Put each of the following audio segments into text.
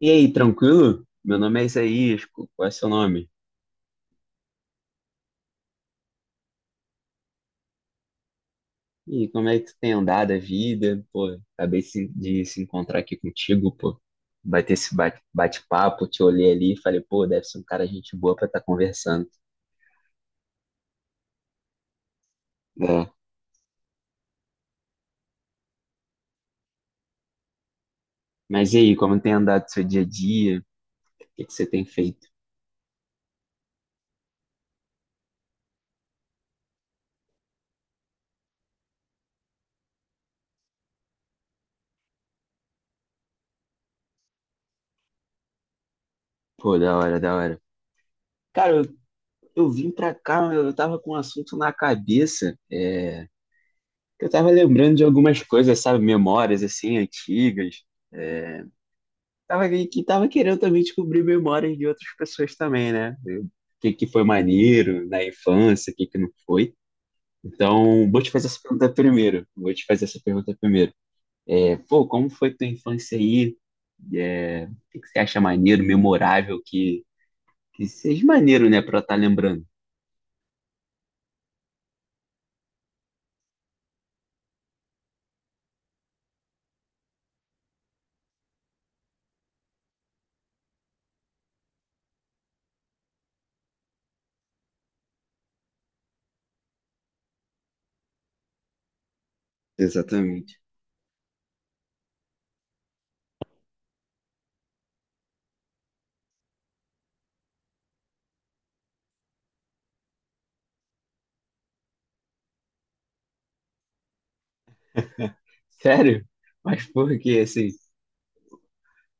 E aí, tranquilo? Meu nome é Isaías, qual é seu nome? E como é que tu tem andado a vida? Pô, acabei de se encontrar aqui contigo, pô. Bater esse bate-papo, te olhei ali e falei, pô, deve ser um cara gente boa pra estar conversando. É. Mas e aí, como tem andado o seu dia a dia? O que que você tem feito? Pô, da hora, da hora. Cara, eu vim pra cá, eu tava com um assunto na cabeça. Que Eu tava lembrando de algumas coisas, sabe, memórias assim antigas. Tava, que tava querendo também descobrir memórias de outras pessoas também, né? O que foi maneiro na infância, o que não foi. Então, vou te fazer essa pergunta primeiro. Vou te fazer essa pergunta primeiro. É, pô, como foi tua infância aí? É, o que você acha maneiro, memorável, que seja maneiro, né, pra estar lembrando? Exatamente. Sério? Mas por quê, assim?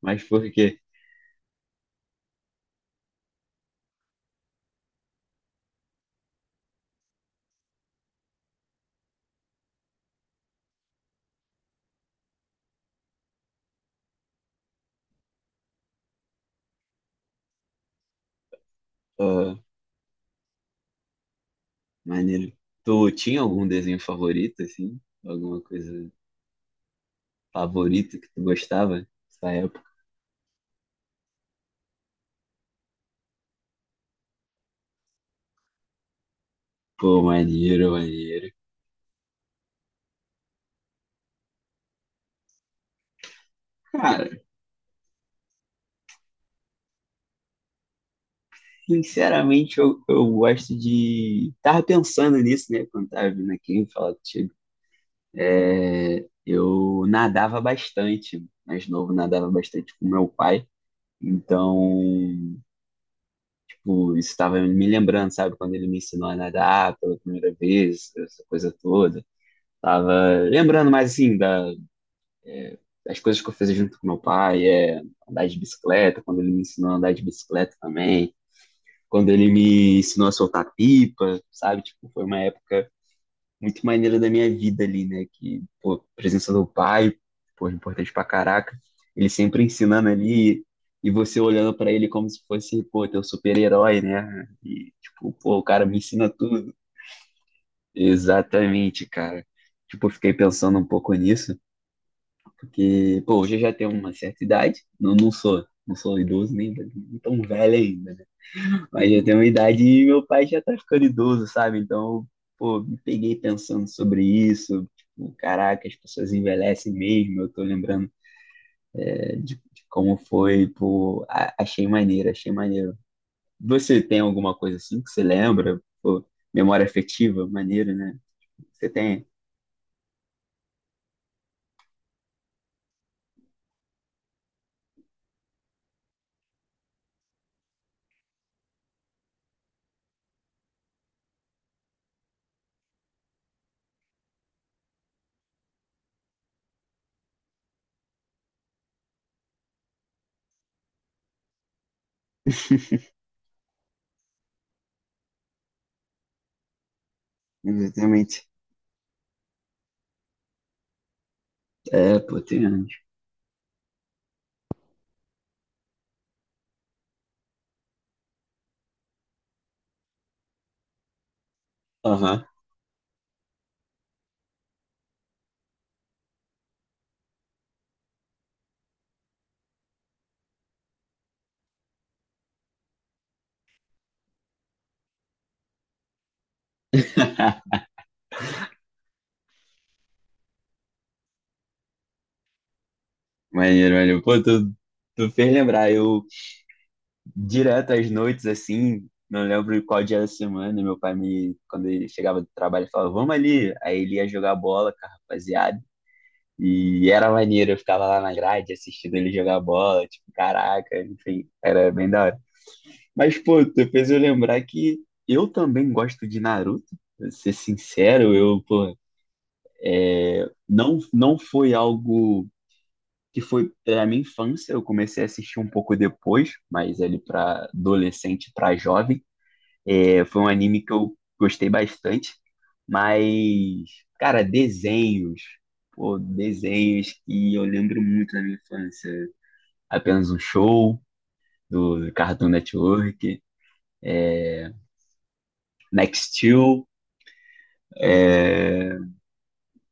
Mas por quê? Ah, maneiro. Tu tinha algum desenho favorito, assim? Alguma coisa favorito que tu gostava nessa época? Pô, maneiro, maneiro. Cara, sinceramente, eu gosto de. Tava pensando nisso, né? Quando tava vindo aqui falar contigo. É, eu nadava bastante, mais novo, nadava bastante com meu pai. Então, tipo, isso estava me lembrando, sabe? Quando ele me ensinou a nadar pela primeira vez, essa coisa toda. Tava lembrando mais, assim, as coisas que eu fiz junto com meu pai é andar de bicicleta, quando ele me ensinou a andar de bicicleta também, quando ele me ensinou a soltar pipa, sabe? Tipo, foi uma época muito maneira da minha vida ali, né? Que, pô, a presença do pai, pô, importante pra caraca. Ele sempre ensinando ali e você olhando pra ele como se fosse, pô, teu super-herói, né? E, tipo, pô, o cara me ensina tudo. Exatamente, cara. Tipo, eu fiquei pensando um pouco nisso. Porque, pô, hoje eu já tenho uma certa idade, não, não sou idoso nem tão velho ainda, né? Mas já tenho uma idade e meu pai já tá ficando idoso, sabe? Então, pô, me peguei pensando sobre isso, tipo, caraca, as pessoas envelhecem mesmo, eu tô lembrando de, como foi, pô, achei maneiro, achei maneiro. Você tem alguma coisa assim que você lembra? Pô, memória afetiva, maneiro, né? Você tem? Exatamente. É, pô, tem anos. Aham. Maneiro, maneiro. Pô, tu fez lembrar. Direto às noites, assim, não lembro qual dia da semana, meu pai quando ele chegava do trabalho, ele falava, vamos ali. Aí ele ia jogar bola com a rapaziada. E era maneiro, eu ficava lá na grade assistindo ele jogar bola, tipo, caraca, enfim, era bem da hora. Mas, pô, tu fez eu lembrar que eu também gosto de Naruto, pra ser sincero, eu, pô, não foi algo que foi a minha infância. Eu comecei a assistir um pouco depois, mas ele para adolescente, para jovem. É, foi um anime que eu gostei bastante. Mas, cara, desenhos. Pô, desenhos que eu lembro muito da minha infância. Apenas um show do Cartoon Network, Nextil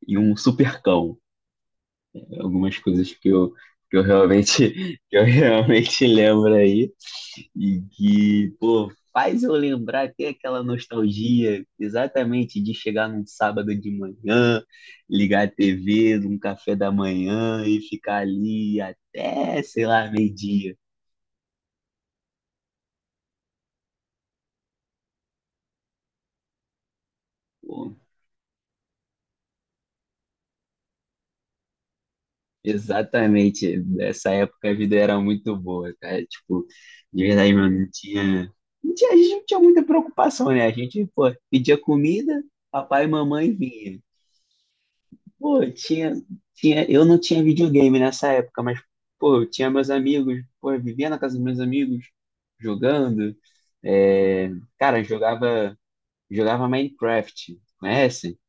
e um Supercão. Algumas coisas que eu realmente que eu realmente lembro aí. E que, pô, faz eu lembrar, tem aquela nostalgia exatamente de chegar num sábado de manhã, ligar a TV, num café da manhã e ficar ali até, sei lá, meio-dia. Pô, exatamente, nessa época a vida era muito boa, cara. Tipo, de verdade, mano, a gente não tinha muita preocupação, né? A gente, pô, pedia comida, papai e mamãe vinha. Pô, eu não tinha videogame nessa época, mas, pô, eu tinha meus amigos, pô, eu vivia na casa dos meus amigos, jogando, é, cara, eu jogava Minecraft, conhece?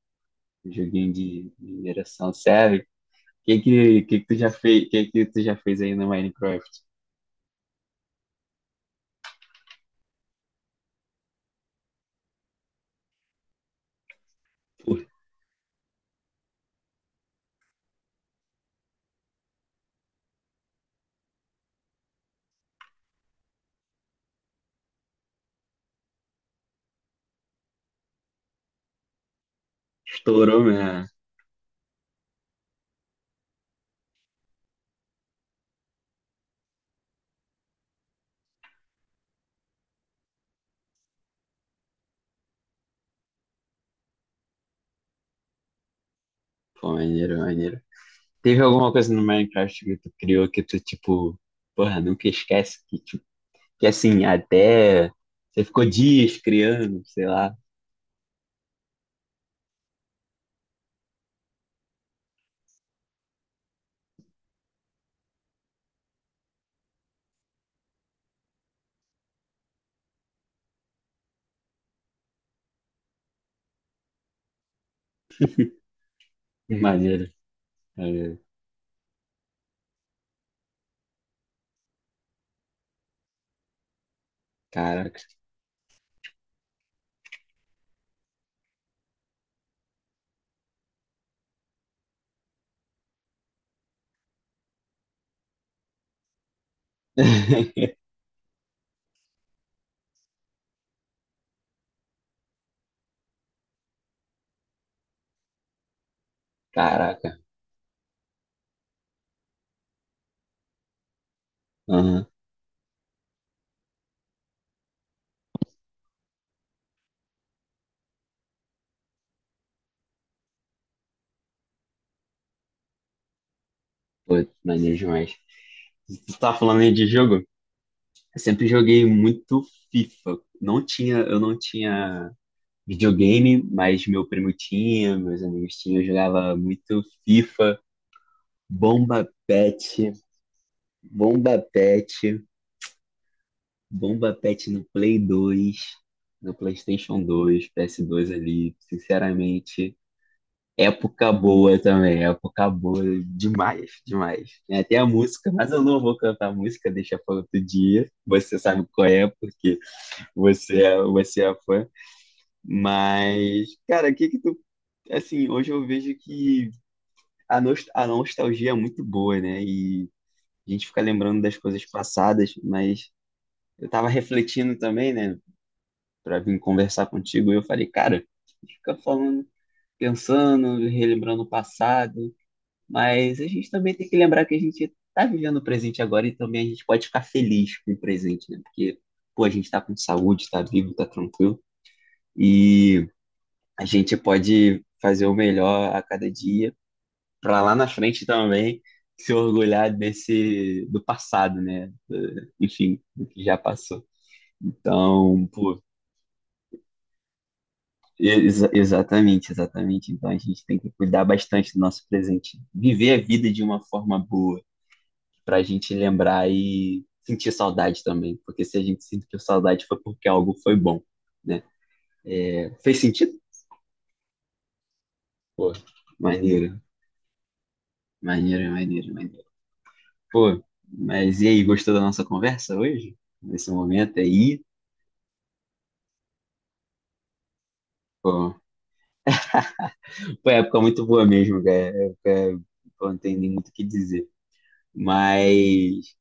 Joguinho de geração, sério? Que que que tu já fez aí no Minecraft? Pô, estourou, né? Pô, maneiro, maneiro. Teve alguma coisa no Minecraft que tu criou que tu, tipo, porra, nunca esquece que assim, até você ficou dias criando, sei lá. Maneiro, maneiro. Caraca. Caraca. Aham. Pô, maneiro demais. Você tá falando aí de jogo? Eu sempre joguei muito FIFA. Não tinha, eu não tinha videogame, mas meu primo tinha, meus amigos tinham. Eu jogava muito FIFA, Bomba Pet, Bomba Pet. Bomba Pet no Play 2, no PlayStation 2, PS2 ali, sinceramente, época boa também, época boa demais, demais. Tem até a música, mas eu não vou cantar a música, deixa para outro dia. Você sabe qual é, porque você é fã. Mas, cara, o que que tu, assim, hoje eu vejo que a nostalgia é muito boa, né? E a gente fica lembrando das coisas passadas, mas eu tava refletindo também, né, para vir conversar contigo. E eu falei, cara, fica falando, pensando, relembrando o passado, mas a gente também tem que lembrar que a gente tá vivendo o presente agora e também a gente pode ficar feliz com o presente, né? Porque, pô, a gente tá com saúde, tá vivo, tá tranquilo e a gente pode fazer o melhor a cada dia para lá na frente também se orgulhar desse do passado, né? Enfim, do que já passou. Então, pô, exatamente, exatamente. Então a gente tem que cuidar bastante do nosso presente, viver a vida de uma forma boa, para a gente lembrar e sentir saudade também, porque se a gente sentir saudade foi porque algo foi bom, né? Fez sentido? Pô, maneiro, maneiro, maneiro, maneiro. Pô, mas e aí, gostou da nossa conversa hoje? Nesse momento aí? Pô, foi uma época muito boa mesmo, cara. É, é, pô, não tem nem muito o que dizer. Mas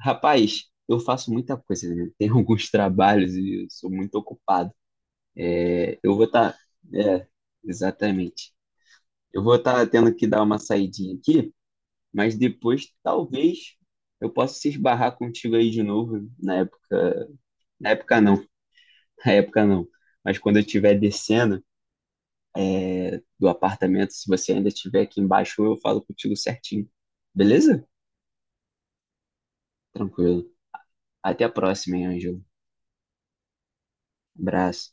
rapaz, eu faço muita coisa, né? Tem alguns trabalhos e eu sou muito ocupado. Eu vou estar. é, exatamente. Eu vou estar tendo que dar uma saidinha aqui, mas depois talvez eu possa se esbarrar contigo aí de novo na época. Na época não, na época não. Mas quando eu estiver descendo do apartamento, se você ainda estiver aqui embaixo, eu falo contigo certinho. Beleza? Tranquilo. Até a próxima, hein, Ângelo. Abraço.